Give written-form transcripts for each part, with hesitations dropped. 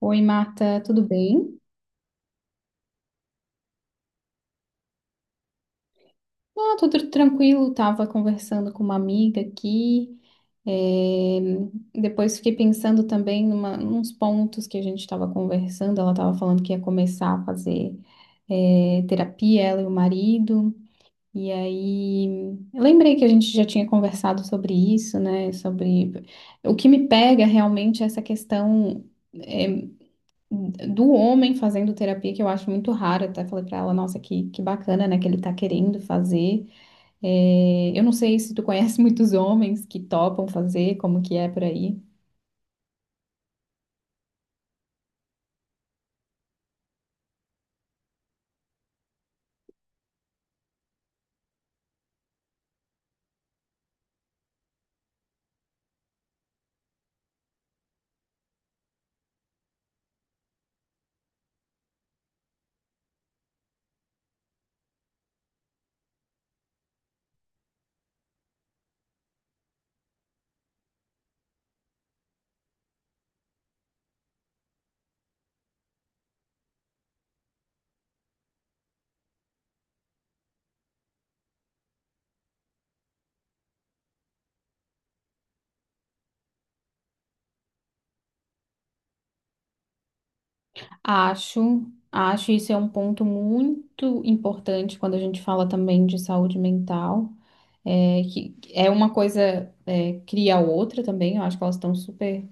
Oi, Marta, tudo bem? Ah, tudo tranquilo. Tava conversando com uma amiga aqui. eh, Depois fiquei pensando também numa, nos pontos que a gente estava conversando. Ela estava falando que ia começar a fazer terapia, ela e o marido. E aí, eu lembrei que a gente já tinha conversado sobre isso, né? Sobre o que me pega realmente é essa questão. eh, do homem fazendo terapia, que eu acho muito raro, até falei pra ela, nossa, que bacana, né, que ele tá querendo fazer. É, eu não sei se tu conhece muitos homens que topam fazer, como que é por aí. Acho, acho isso é um ponto muito importante quando a gente fala também de saúde mental, é, que é uma coisa, é, cria a outra também, eu acho que elas estão super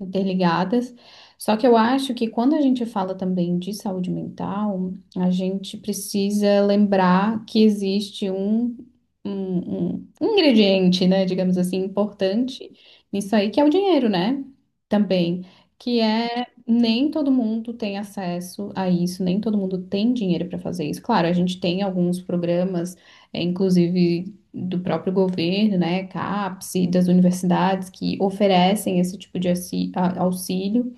interligadas. Só que eu acho que quando a gente fala também de saúde mental, a gente precisa lembrar que existe um ingrediente, né, digamos assim, importante nisso aí, que é o dinheiro, né? Também. Que é nem todo mundo tem acesso a isso, nem todo mundo tem dinheiro para fazer isso. Claro, a gente tem alguns programas, é, inclusive do próprio governo, né, CAPES e das universidades que oferecem esse tipo de auxílio.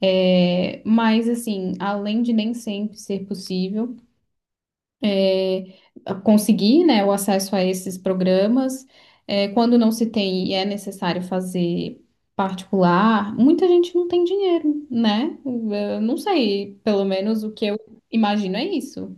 É, mas assim, além de nem sempre ser possível é, conseguir, né, o acesso a esses programas, é, quando não se tem e é necessário fazer particular, muita gente não tem dinheiro, né? Eu não sei, pelo menos o que eu imagino é isso.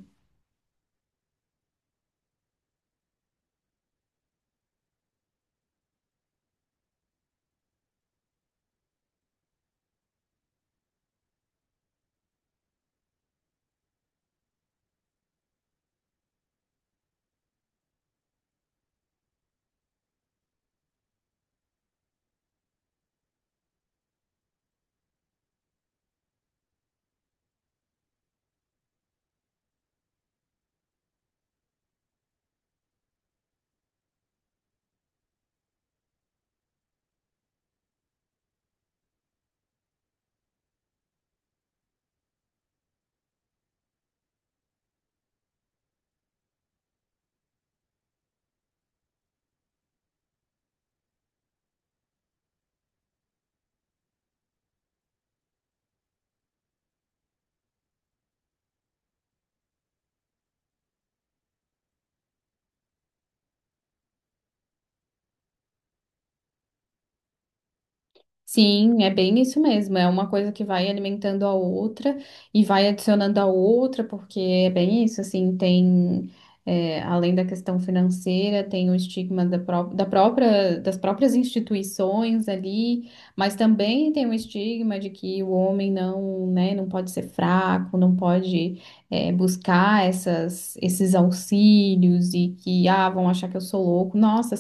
Sim, é bem isso mesmo. É uma coisa que vai alimentando a outra e vai adicionando a outra, porque é bem isso, assim, tem, é, além da questão financeira, tem o estigma da, da própria, das próprias instituições ali, mas também tem o estigma de que o homem não, né, não pode ser fraco, não pode, é, buscar essas, esses auxílios e que, ah, vão achar que eu sou louco. Nossa,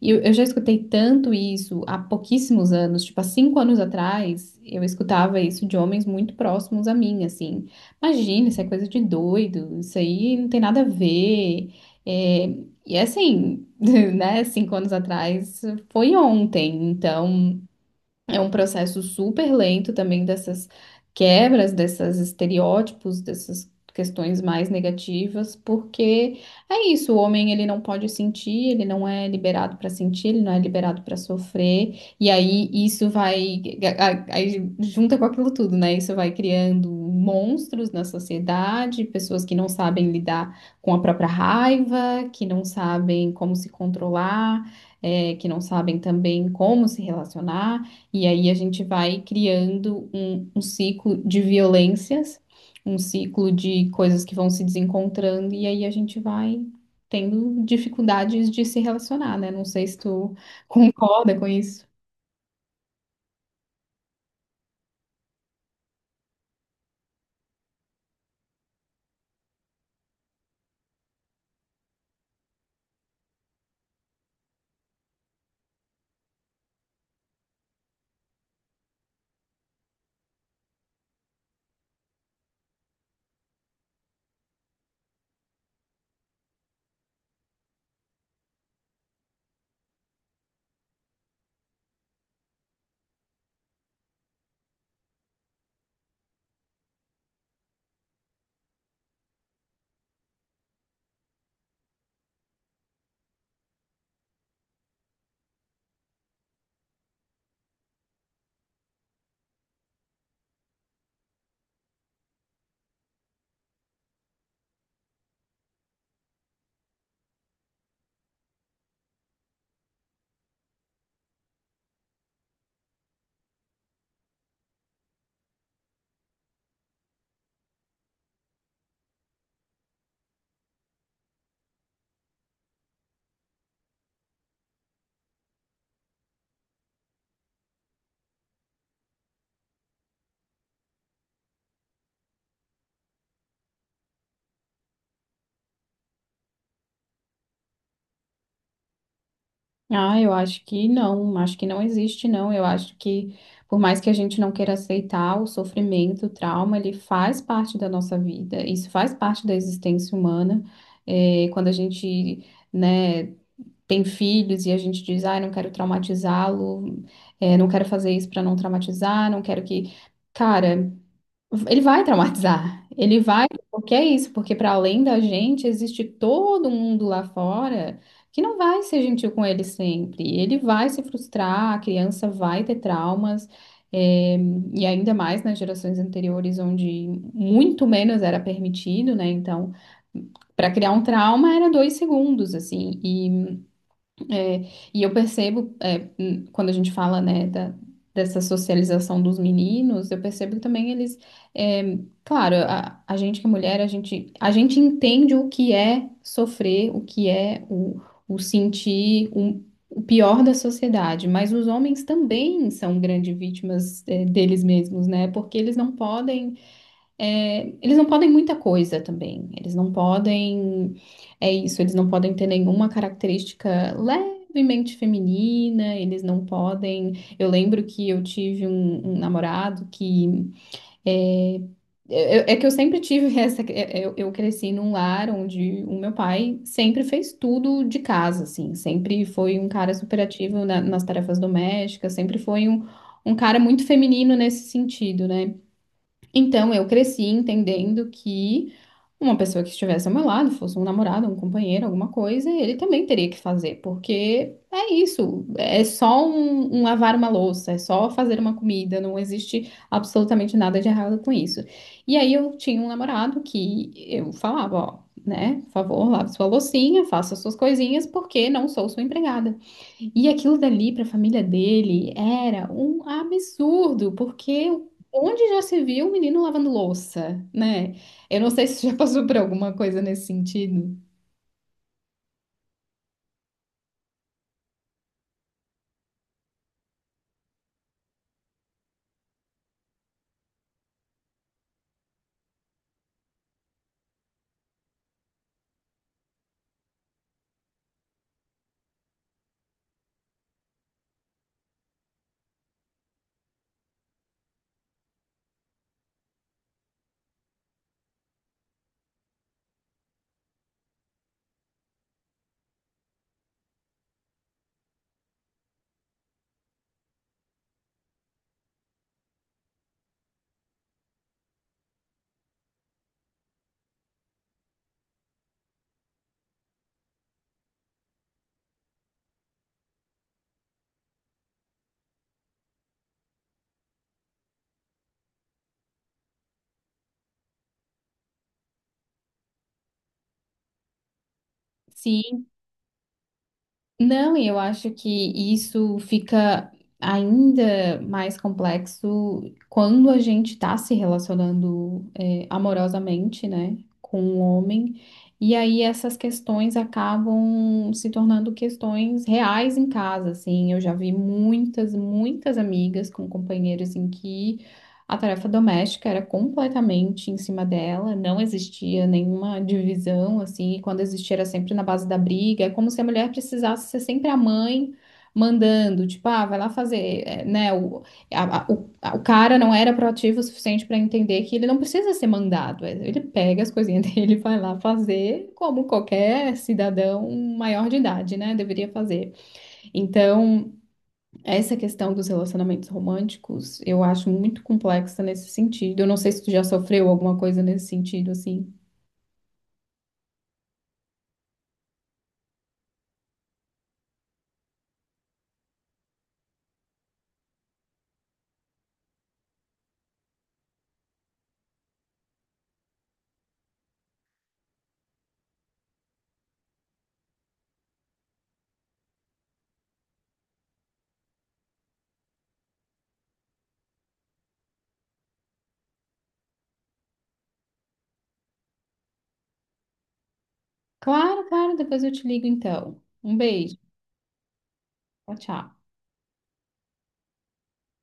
e eu já escutei tanto isso há pouquíssimos anos, tipo, há cinco anos atrás, eu escutava isso de homens muito próximos a mim, assim. Imagina, isso é coisa de doido, isso aí não tem nada a ver. É, e assim, né, cinco anos atrás foi ontem, então é um processo super lento também dessas quebras, desses estereótipos, dessas questões mais negativas, porque é isso, o homem ele não pode sentir, ele não é liberado para sentir, ele não é liberado para sofrer, e aí isso vai, aí junta com aquilo tudo, né? Isso vai criando monstros na sociedade, pessoas que não sabem lidar com a própria raiva, que não sabem como se controlar, que não sabem também como se relacionar. E aí a gente vai criando um ciclo de violências, um ciclo de coisas que vão se desencontrando, e aí a gente vai tendo dificuldades de se relacionar, né? Não sei se tu concorda com isso. Ah, eu acho que não existe, não. Eu acho que, por mais que a gente não queira aceitar o sofrimento, o trauma, ele faz parte da nossa vida, isso faz parte da existência humana. É, quando a gente, né, tem filhos e a gente diz, ai, não quero traumatizá-lo, é, não quero fazer isso para não traumatizar, não quero que. Cara, ele vai traumatizar. Ele vai, porque é isso, porque para além da gente, existe todo mundo lá fora que não vai ser gentil com ele sempre. Ele vai se frustrar, a criança vai ter traumas. É, e ainda mais nas gerações anteriores, onde muito menos era permitido, né? Então, para criar um trauma era dois segundos, assim. E é, e eu percebo, é, quando a gente fala, né, da, dessa socialização dos meninos, eu percebo que também eles, é, claro, a gente que é mulher, a gente entende o que é sofrer, o que é o sentir o pior da sociedade, mas os homens também são grandes vítimas, é, deles mesmos, né, porque eles não podem é, eles não podem muita coisa também. Eles não podem. É isso, eles não podem ter nenhuma característica levemente feminina, eles não podem. Eu lembro que eu tive um namorado que. É, que eu sempre tive essa. Eu cresci num lar onde o meu pai sempre fez tudo de casa, assim. Sempre foi um cara super ativo nas tarefas domésticas, sempre foi um cara muito feminino nesse sentido, né? Então, eu cresci entendendo que uma pessoa que estivesse ao meu lado, fosse um namorado, um companheiro, alguma coisa, ele também teria que fazer, porque é isso, é só um lavar uma louça, é só fazer uma comida, não existe absolutamente nada de errado com isso. E aí eu tinha um namorado que eu falava, ó, né, por favor, lave sua loucinha, faça suas coisinhas, porque não sou sua empregada. E aquilo dali para a família dele era um absurdo, porque onde já se viu um menino lavando louça, né? Eu não sei se você já passou por alguma coisa nesse sentido. Se não, e eu acho que isso fica ainda mais complexo quando a gente está se relacionando é, amorosamente, né, com um homem. E aí essas questões acabam se tornando questões reais em casa, assim. Eu já vi muitas, muitas amigas com companheiros em que a tarefa doméstica era completamente em cima dela, não existia nenhuma divisão, assim, e quando existia era sempre na base da briga, é como se a mulher precisasse ser sempre a mãe mandando, tipo, ah, vai lá fazer, eh, né? O, o cara não era proativo o suficiente para entender que ele não precisa ser mandado, eh, ele pega as coisinhas dele e vai lá fazer como qualquer cidadão maior de idade, né? Deveria fazer. Então. Essa questão dos relacionamentos românticos, eu acho muito complexa nesse sentido. Eu não sei se tu já sofreu alguma coisa nesse sentido, assim. Claro, claro, depois eu te ligo então. Um beijo. Tchau, tchau.